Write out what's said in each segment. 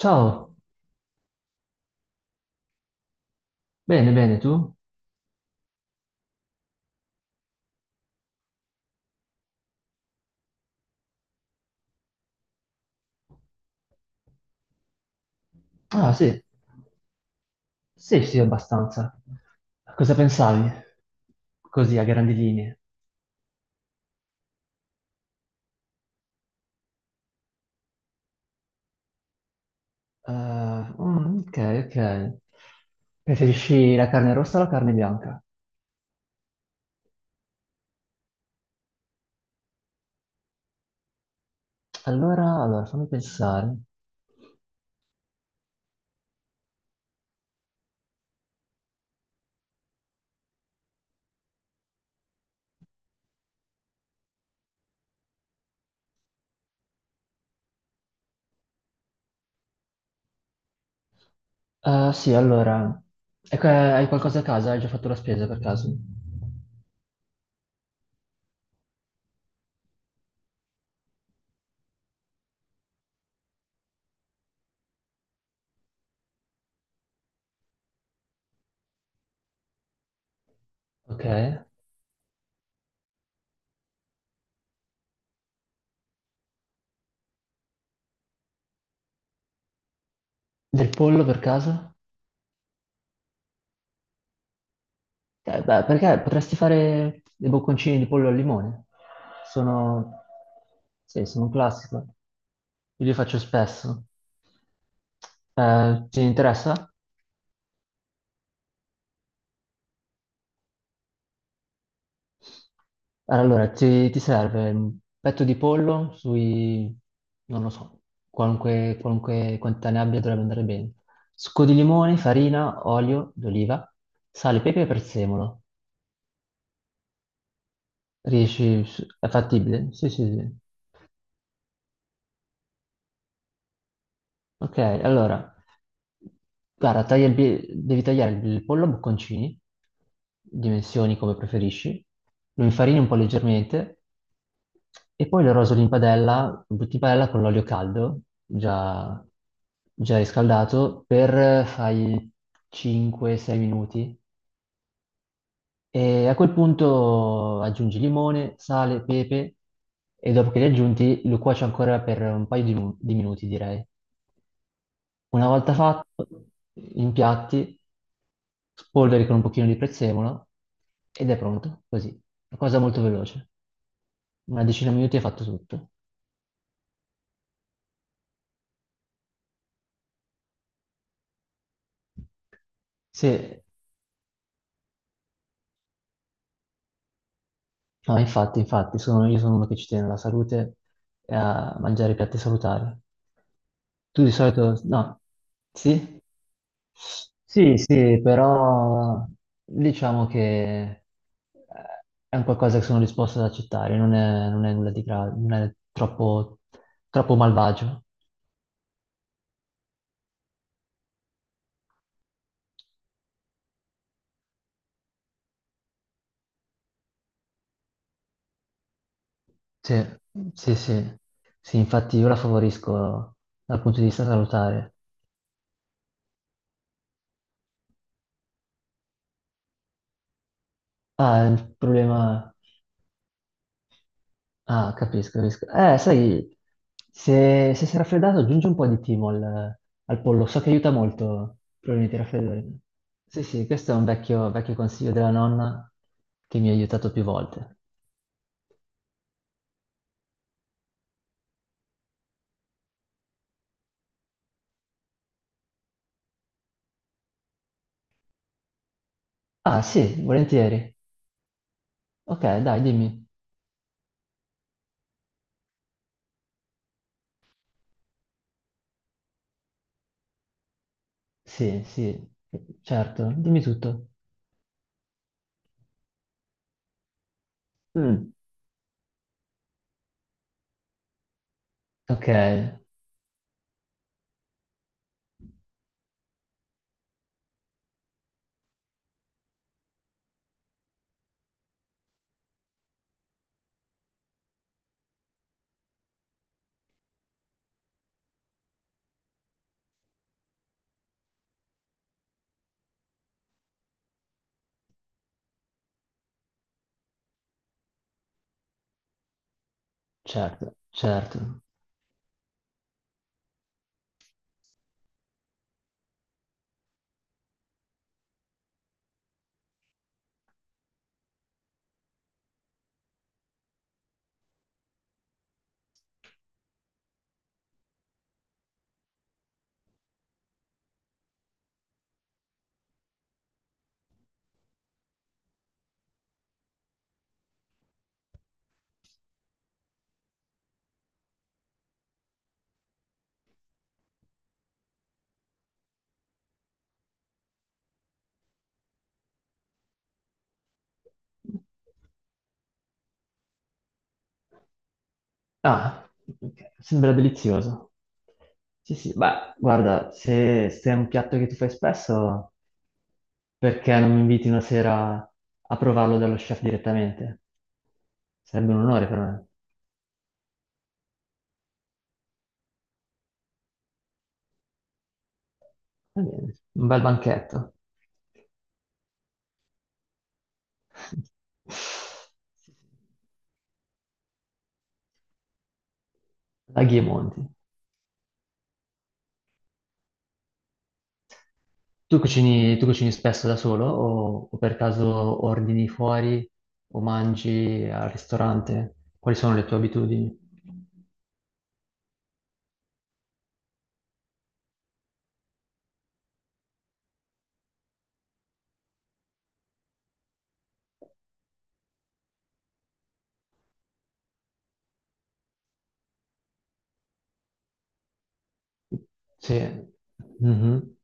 Ciao, bene, bene, tu? Ah, sì, sì, sì, abbastanza. Cosa pensavi? Così, a grandi linee. Ok, ok. Preferisci la carne rossa o la carne bianca? Allora, fammi pensare. Sì, allora, ecco, hai qualcosa a casa? Hai già fatto la spesa per caso? Ok. Del pollo per caso? Beh, perché potresti fare dei bocconcini di pollo al limone? Sono, sì, sono un classico. Io li faccio spesso. Ti interessa? Allora, ti serve un petto di pollo sui, non lo so, qualunque, qualunque quantità ne abbia dovrebbe andare bene. Succo di limone, farina, olio d'oliva, sale, pepe e prezzemolo. Riesci? È fattibile? Sì, sì, sì. Ok, allora, guarda, devi tagliare il pollo a bocconcini, dimensioni come preferisci, lo infarini un po' leggermente e poi lo rosoli in padella, lo butti in padella con l'olio caldo, già, già riscaldato, per fai 5-6 minuti. E a quel punto aggiungi limone, sale, pepe e dopo che li aggiunti lo cuoci ancora per un paio di, di minuti, direi. Una volta fatto, impiatti, spolveri con un pochino di prezzemolo ed è pronto, così. Una cosa molto veloce. Una decina di minuti è fatto tutto. Se No, infatti, infatti, sono, io sono uno che ci tiene alla salute e a mangiare piatti salutari. Tu di solito, no, sì? Sì, sì, però diciamo che è un qualcosa che sono disposto ad accettare, non è, non è nulla di grave, non è troppo, troppo malvagio. Sì, sì, sì, sì, infatti io la favorisco dal punto di vista salutare. Ah, il problema... Ah, capisco, capisco. Sai, se sei raffreddato aggiungi un po' di timo al, al pollo, so che aiuta molto problemi di raffreddore. Sì, sì, questo è un vecchio, vecchio consiglio della nonna che mi ha aiutato più volte. Ah, sì, volentieri. Ok, dai, dimmi. Sì, sì, certo, dimmi tutto. Mm, ok, certo, certo. Ah, ok, sembra delizioso. Sì, sì, beh, guarda, se, se è un piatto che tu fai spesso, perché non mi inviti una sera a provarlo dallo chef direttamente? Sarebbe un onore per me. Va bene, un bel banchetto. Laghi e Monti. Tu cucini spesso da solo o per caso ordini fuori o mangi al ristorante? Quali sono le tue abitudini? Sì. Mhm.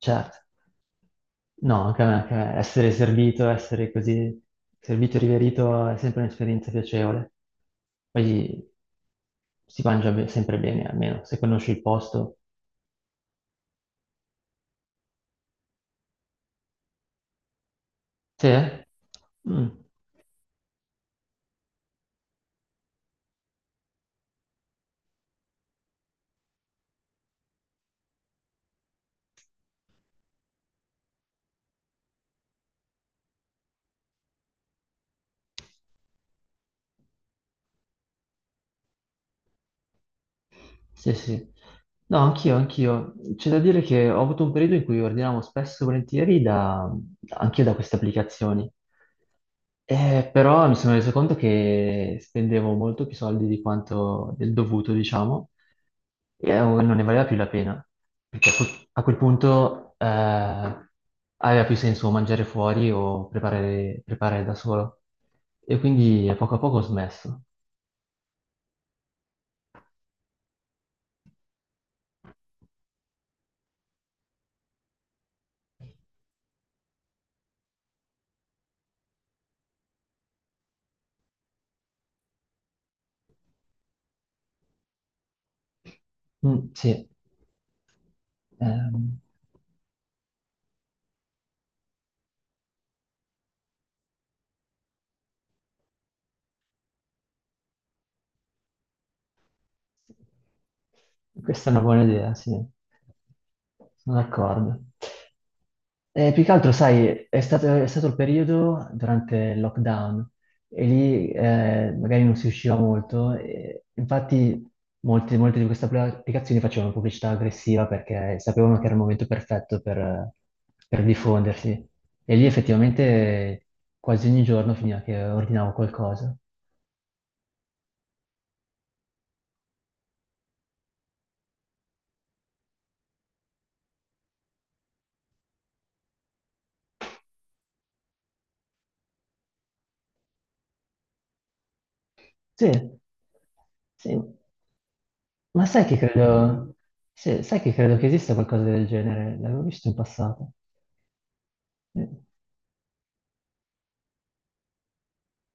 Certo. No, anche a me, anche a me. Essere servito, essere così servito e riverito è sempre un'esperienza piacevole. Poi si mangia sempre bene, almeno se conosci il posto. Sì? Eh? Mm. Sì, sì. No, anch'io, anch'io. C'è da dire che ho avuto un periodo in cui ordinavo spesso e volentieri da, anche da queste applicazioni. Però mi sono reso conto che spendevo molto più soldi di quanto del dovuto, diciamo, e non ne valeva più la pena, perché a quel punto aveva più senso mangiare fuori o preparare, preparare da solo. E quindi a poco ho smesso. Mm, sì. Ehm, Questa è una buona idea, sì. Sono d'accordo. Più che altro, sai, è stato il periodo durante il lockdown e lì magari non si usciva molto. E infatti, molte, molte di queste applicazioni facevano pubblicità aggressiva perché sapevano che era il momento perfetto per diffondersi. E lì effettivamente quasi ogni giorno finiva che ordinavo qualcosa. Sì, sì. Ma sai che credo, sì, sai che credo che esista qualcosa del genere? L'avevo visto in passato. Eh,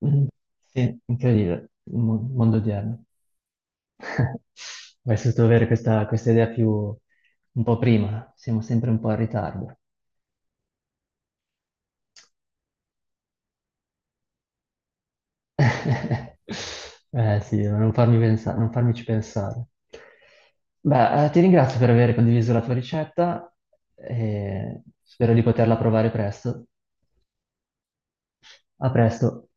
mm, Sì, incredibile, il mondo odierno. Avrei potuto avere questa, questa idea più un po' prima, siamo sempre un po' in ritardo. Eh sì, non farmici pensare. Beh, ti ringrazio per aver condiviso la tua ricetta e spero di poterla provare presto. A presto.